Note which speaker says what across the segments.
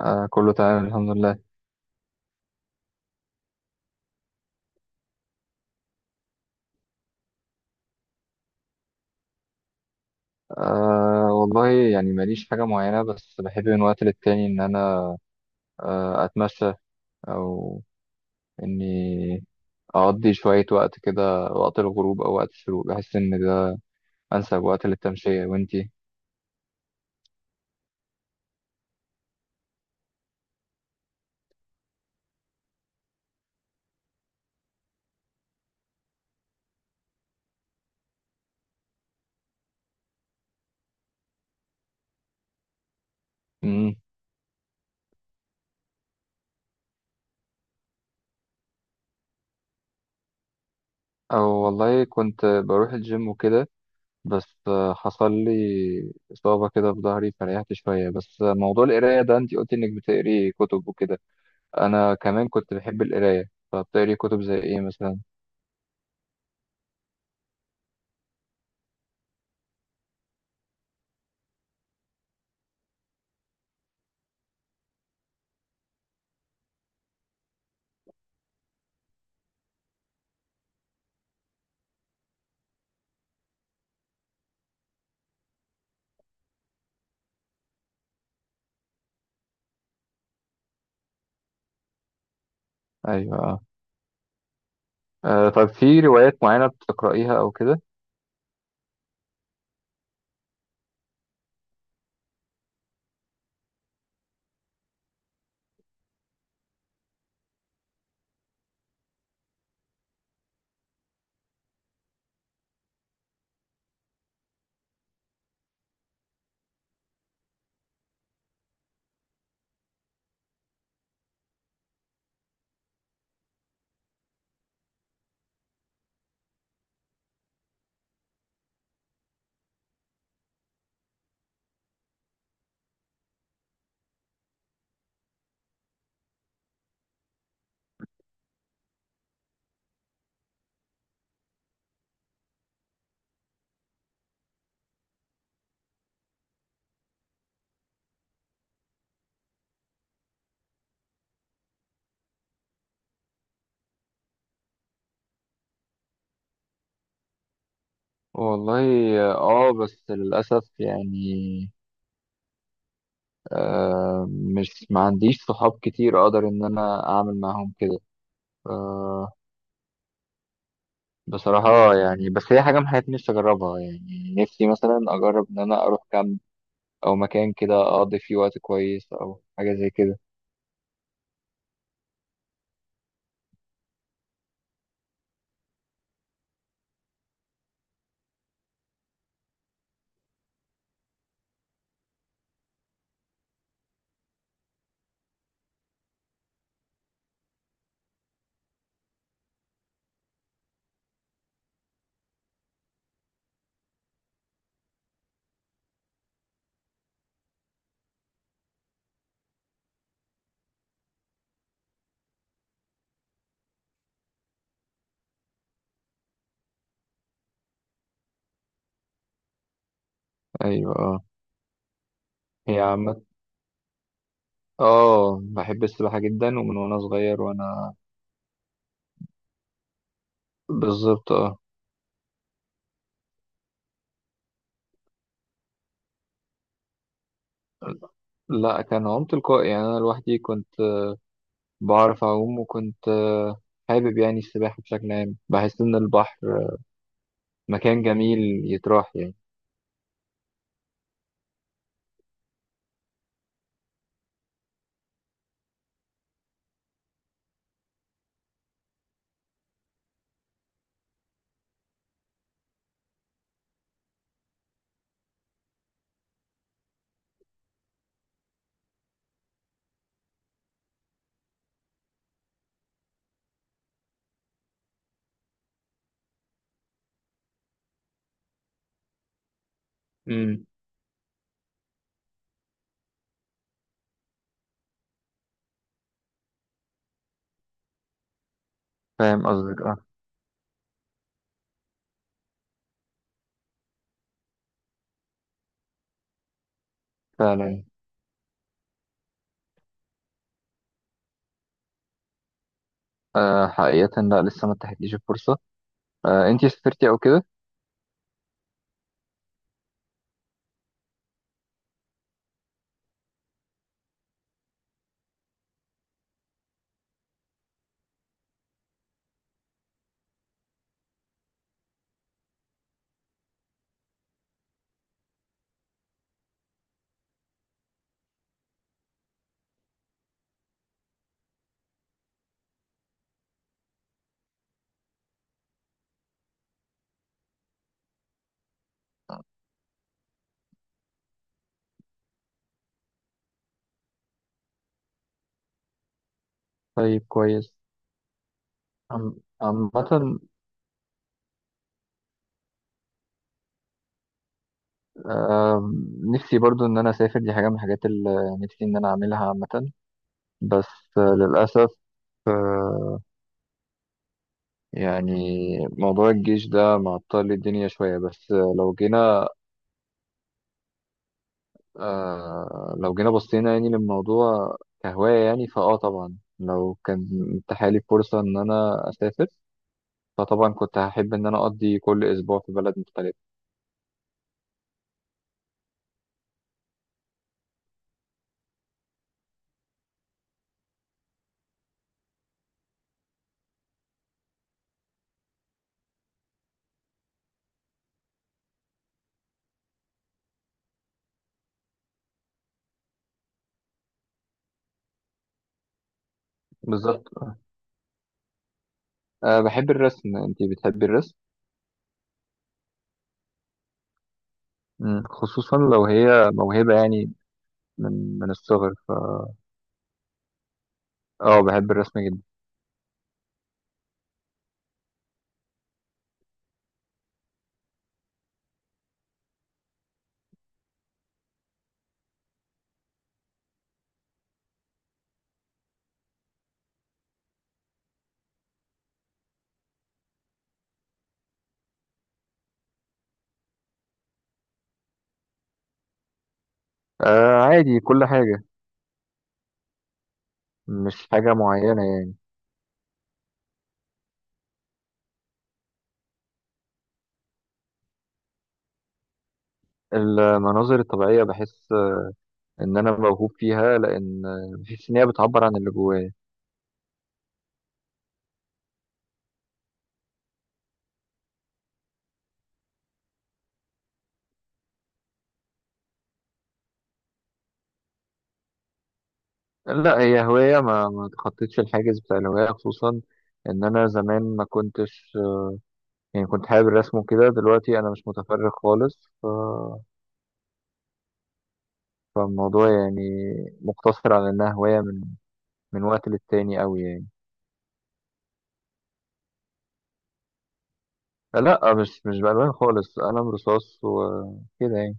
Speaker 1: آه، كله تمام، الحمد لله. آه، والله يعني ماليش حاجة معينة، بس بحب من وقت للتاني إن أنا أتمشى، أو إني أقضي شوية وقت كده وقت الغروب أو وقت الشروق. بحس إن ده أنسب وقت للتمشية. وإنتي؟ مم. أو والله كنت بروح الجيم وكده، بس حصل لي إصابة كده في ظهري فريحت شوية. بس موضوع القراية ده، إنتي قلتي إنك بتقري كتب وكده، أنا كمان كنت بحب القراية، فبتقري كتب زي إيه مثلا؟ أيوه. طيب، في روايات معينة بتقرأيها أو كده؟ والله بس للأسف يعني، مش ما عنديش صحاب كتير أقدر إن أنا أعمل معاهم كده، آه بصراحة يعني. بس هي حاجة من حياتي نفسي أجربها، يعني نفسي مثلا أجرب إن أنا أروح كامب أو مكان كده أقضي فيه وقت كويس أو حاجة زي كده. أيوة، آه. هي عامة بحب السباحة جدا، ومن وأنا صغير وأنا... بالظبط، آه. لا، كان عوم تلقائي، يعني أنا لوحدي كنت بعرف أعوم، وكنت حابب يعني السباحة بشكل عام. بحس إن البحر مكان جميل يتراح يعني. امم فاهم قصدك، اه. فعلا. حقيقة لا، لسه ما اتاحتليش الفرصة. انتي سافرتي أو كده؟ طيب، كويس. عامة، آه نفسي برضو إن أنا أسافر، دي حاجة من الحاجات اللي نفسي إن أنا أعملها عامة. بس للأسف يعني، موضوع الجيش ده معطل الدنيا شوية. بس لو جينا بصينا يعني للموضوع كهواية. يعني فأه، طبعا لو كان اتاحالي فرصة إن أنا أسافر، فطبعا كنت هحب إن أنا أقضي كل أسبوع في بلد مختلف. بالظبط. بحب الرسم. أنتي بتحبي الرسم؟ مم. خصوصا لو هي موهبة، يعني من الصغر ف... اه، بحب الرسم جدا. آه، عادي، كل حاجة، مش حاجة معينة يعني. المناظر الطبيعية بحس إن أنا موهوب فيها، لأن بحس إن هي بتعبر عن اللي جوايا. لا، هي هواية، ما تخطيتش الحاجز بتاع الهواية، خصوصا ان انا زمان ما كنتش يعني، كنت حابب الرسم وكده، دلوقتي انا مش متفرغ خالص. فالموضوع يعني مقتصر على انها هواية من وقت للتاني قوي يعني. لا، مش بألوان خالص، قلم رصاص وكده يعني.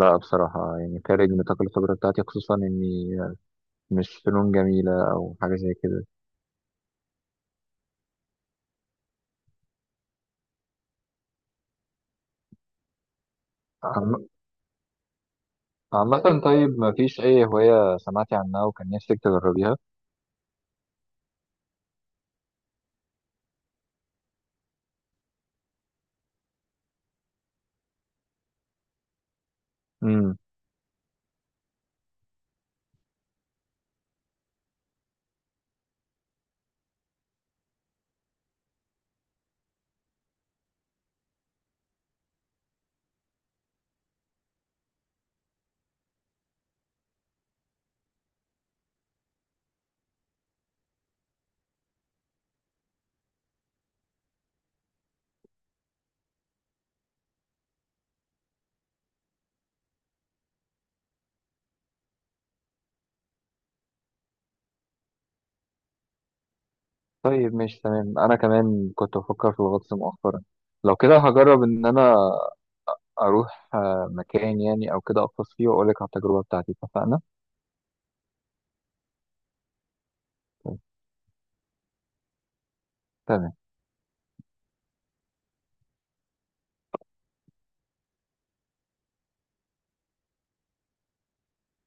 Speaker 1: لا، بصراحة يعني خارج نطاق الخبرة بتاعتي، خصوصا اني مش فنون جميلة او حاجة زي كده. عم- عامة، طيب ما فيش اي هواية سمعتي عنها وكان نفسك تجربيها؟ طيب، ماشي، تمام. انا كمان كنت بفكر في الغطس مؤخرا، لو كده هجرب ان انا اروح مكان يعني او كده اغطس فيه، واقول لك على التجربة بتاعتي. اتفقنا؟ طيب، تمام.